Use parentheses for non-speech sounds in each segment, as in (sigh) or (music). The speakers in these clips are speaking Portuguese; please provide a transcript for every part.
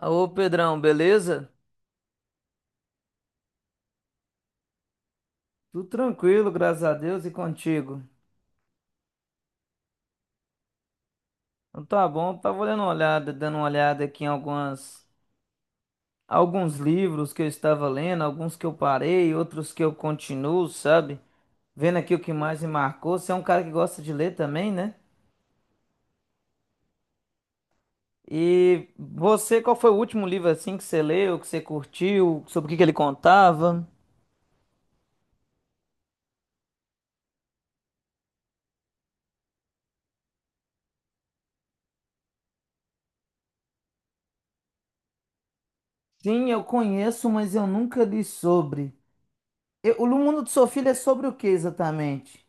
Ô Pedrão, beleza? Tudo tranquilo, graças a Deus e contigo. Então tá bom, tava dando uma olhada, aqui em alguns livros que eu estava lendo, alguns que eu parei, outros que eu continuo, sabe? Vendo aqui o que mais me marcou. Você é um cara que gosta de ler também, né? E você, qual foi o último livro assim que você leu, que você curtiu, sobre o que que ele contava? Sim, eu conheço, mas eu nunca li sobre. O Mundo de Sofia é sobre o que exatamente?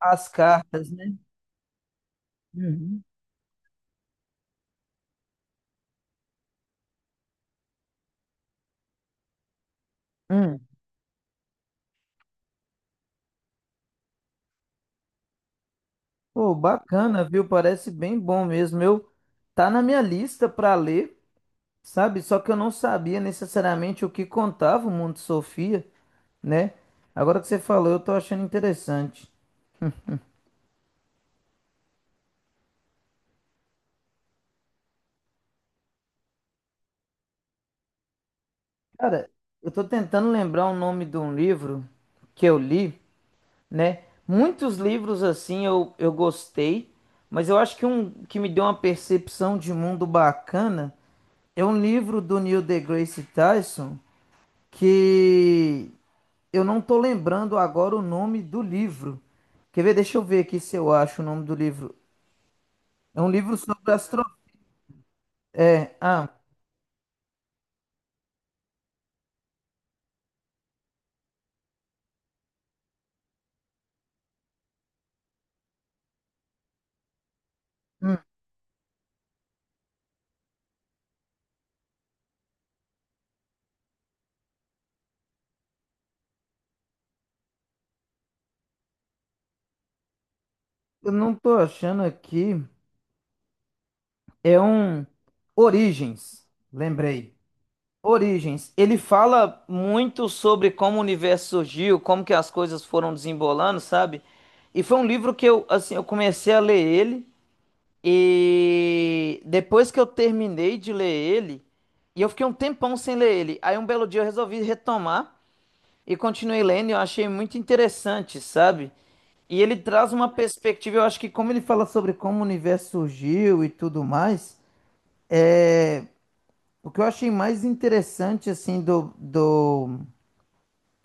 As cartas, né? Uhum. Hum. Pô, bacana, viu? Parece bem bom mesmo. Eu Tá na minha lista para ler, sabe? Só que eu não sabia necessariamente o que contava o Mundo de Sofia, né? Agora que você falou, eu tô achando interessante. Cara, eu tô tentando lembrar o nome de um livro que eu li, né? Muitos livros assim eu gostei, mas eu acho que um que me deu uma percepção de mundo bacana é um livro do Neil deGrasse Tyson que eu não tô lembrando agora o nome do livro. Quer ver? Deixa eu ver aqui se eu acho o nome do livro. É um livro sobre astro... É, ah, hum, eu não tô achando aqui. É um Origens, lembrei. Origens. Ele fala muito sobre como o universo surgiu, como que as coisas foram desembolando, sabe? E foi um livro que eu, assim, eu comecei a ler ele e depois que eu terminei de ler ele, e eu fiquei um tempão sem ler ele. Aí um belo dia eu resolvi retomar e continuei lendo, e eu achei muito interessante, sabe? E ele traz uma perspectiva, eu acho que como ele fala sobre como o universo surgiu e tudo mais, é o que eu achei mais interessante, assim,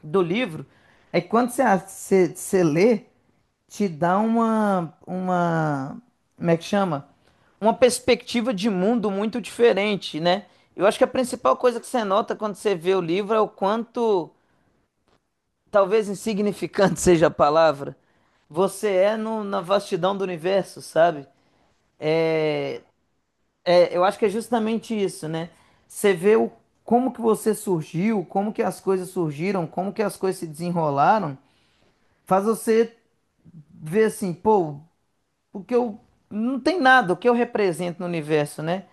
do livro é que quando você lê, te dá uma, como é que chama? Uma perspectiva de mundo muito diferente, né? Eu acho que a principal coisa que você nota quando você vê o livro é o quanto, talvez insignificante (laughs) seja a palavra, você é na vastidão do universo, sabe? É, eu acho que é justamente isso, né? Você vê o, como que você surgiu, como que as coisas surgiram, como que as coisas se desenrolaram, faz você ver assim, pô, o que eu não tem nada, o que eu represento no universo, né?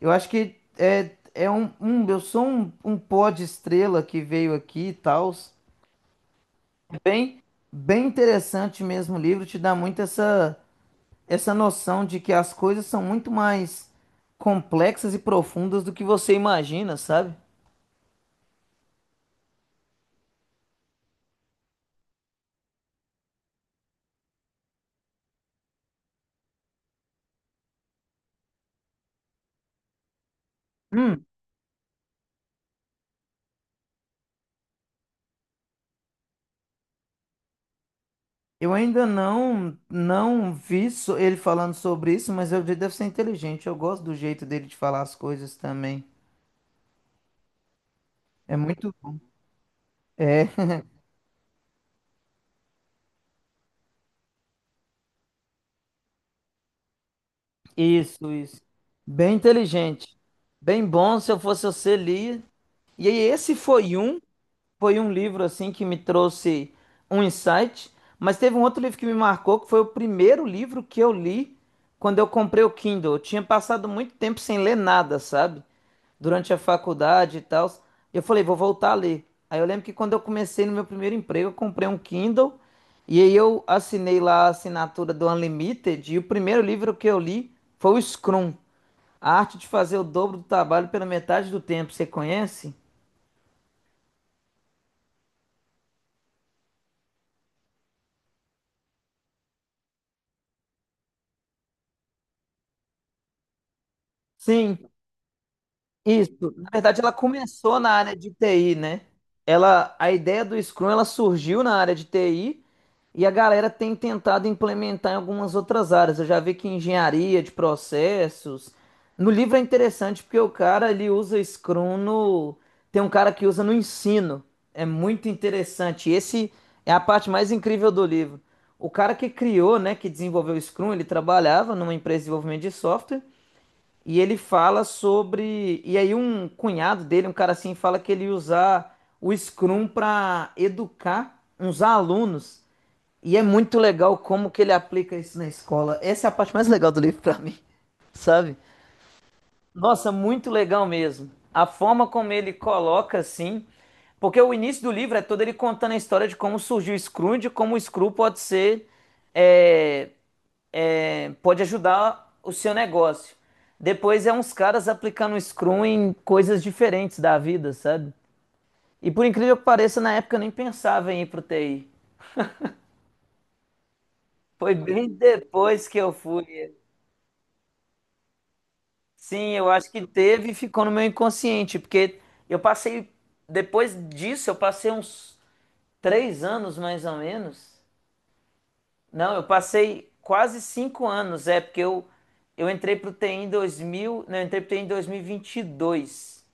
Eu acho que é eu sou um pó de estrela que veio aqui e tal. Bem, bem interessante mesmo o livro, te dá muito essa noção de que as coisas são muito mais complexas e profundas do que você imagina, sabe? Hum, eu ainda não vi ele falando sobre isso, mas ele deve ser inteligente. Eu gosto do jeito dele de falar as coisas também. É muito bom. É, (laughs) isso, isso. Bem inteligente. Bem bom, se eu fosse você, lia. E aí, esse foi um. Foi um livro assim que me trouxe um insight, mas teve um outro livro que me marcou, que foi o primeiro livro que eu li quando eu comprei o Kindle. Eu tinha passado muito tempo sem ler nada, sabe? Durante a faculdade e tal. Eu falei, vou voltar a ler. Aí eu lembro que quando eu comecei no meu primeiro emprego, eu comprei um Kindle e aí eu assinei lá a assinatura do Unlimited e o primeiro livro que eu li foi o Scrum, A Arte de Fazer o Dobro do Trabalho pela Metade do Tempo. Você conhece? Sim. Isso, na verdade ela começou na área de TI, né? A ideia do Scrum ela surgiu na área de TI e a galera tem tentado implementar em algumas outras áreas. Eu já vi que em engenharia de processos. No livro é interessante porque o cara ele usa Scrum no, tem um cara que usa no ensino. É muito interessante. Esse é a parte mais incrível do livro. O cara que criou, né, que desenvolveu o Scrum, ele trabalhava numa empresa de desenvolvimento de software. E ele fala sobre. E aí, um cunhado dele, um cara assim, fala que ele ia usar o Scrum para educar uns alunos. E é muito legal como que ele aplica isso na escola. Essa é a parte mais legal do livro para mim, (laughs) sabe? Nossa, muito legal mesmo. A forma como ele coloca assim. Porque o início do livro é todo ele contando a história de como surgiu o Scrum, de como o Scrum pode ser é, pode ajudar o seu negócio. Depois é uns caras aplicando Scrum em coisas diferentes da vida, sabe? E por incrível que pareça, na época eu nem pensava em ir pro TI. Foi bem depois que eu fui. Sim, eu acho que teve e ficou no meu inconsciente, porque eu passei, depois disso, eu passei uns 3 anos mais ou menos. Não, eu passei quase 5 anos, é, porque eu entrei pro TI em 2000, não, eu entrei pro TI em 2022.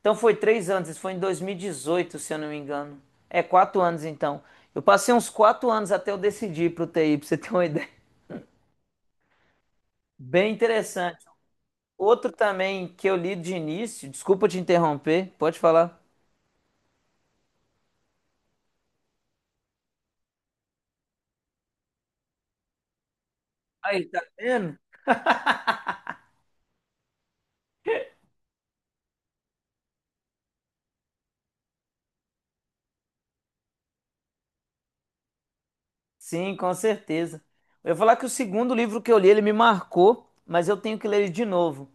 Então foi 3 anos, isso foi em 2018, se eu não me engano. É, 4 anos então. Eu passei uns 4 anos até eu decidir para o TI, para você ter uma (laughs) ideia. Bem interessante. Outro também que eu li de início, desculpa te interromper, pode falar. Aí, tá vendo? Sim, com certeza. Eu ia falar que o segundo livro que eu li, ele me marcou, mas eu tenho que ler ele de novo,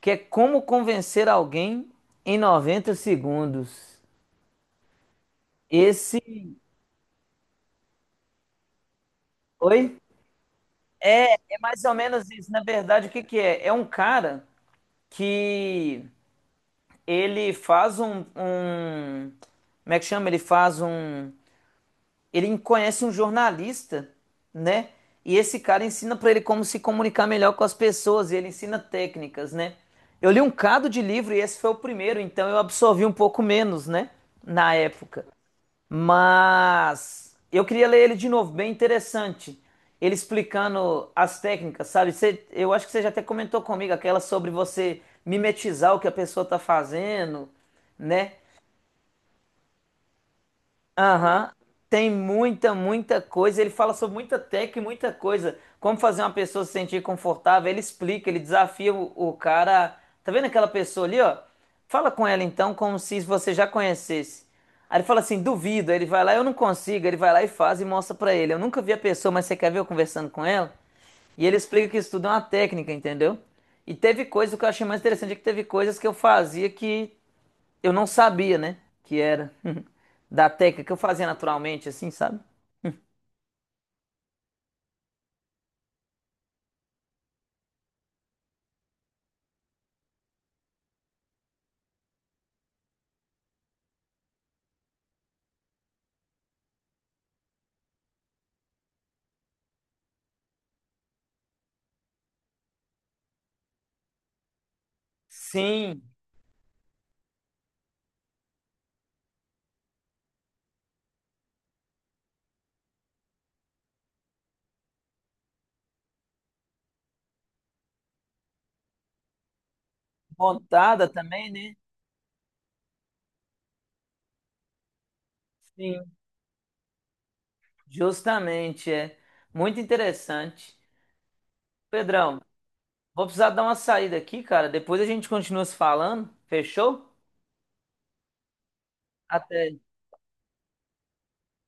que é Como Convencer Alguém em 90 Segundos. Esse. Oi? É, é mais ou menos isso. Na verdade, o que que é? É um cara que ele faz como é que chama? Ele conhece um jornalista, né? E esse cara ensina pra ele como se comunicar melhor com as pessoas e ele ensina técnicas, né? Eu li um cado de livro e esse foi o primeiro, então eu absorvi um pouco menos, né? Na época. Mas eu queria ler ele de novo, bem interessante. Ele explicando as técnicas, sabe? Eu acho que você já até comentou comigo aquela sobre você mimetizar o que a pessoa tá fazendo, né? Aham. Tem muita, muita coisa. Ele fala sobre muita técnica e muita coisa. Como fazer uma pessoa se sentir confortável. Ele explica, ele desafia o cara. Tá vendo aquela pessoa ali, ó? Fala com ela então, como se você já conhecesse. Aí ele fala assim: duvido. Aí ele vai lá, eu não consigo. Aí ele vai lá e faz e mostra pra ele. Eu nunca vi a pessoa, mas você quer ver eu conversando com ela? E ele explica que isso tudo é uma técnica, entendeu? E teve coisas o que eu achei mais interessante é que teve coisas que eu fazia que eu não sabia, né? Que era (laughs) da técnica que eu fazia naturalmente, assim, sabe? Sim, montada também, né? Sim, justamente, é. Muito interessante. Pedrão, vou precisar dar uma saída aqui, cara. Depois a gente continua se falando. Fechou? Até.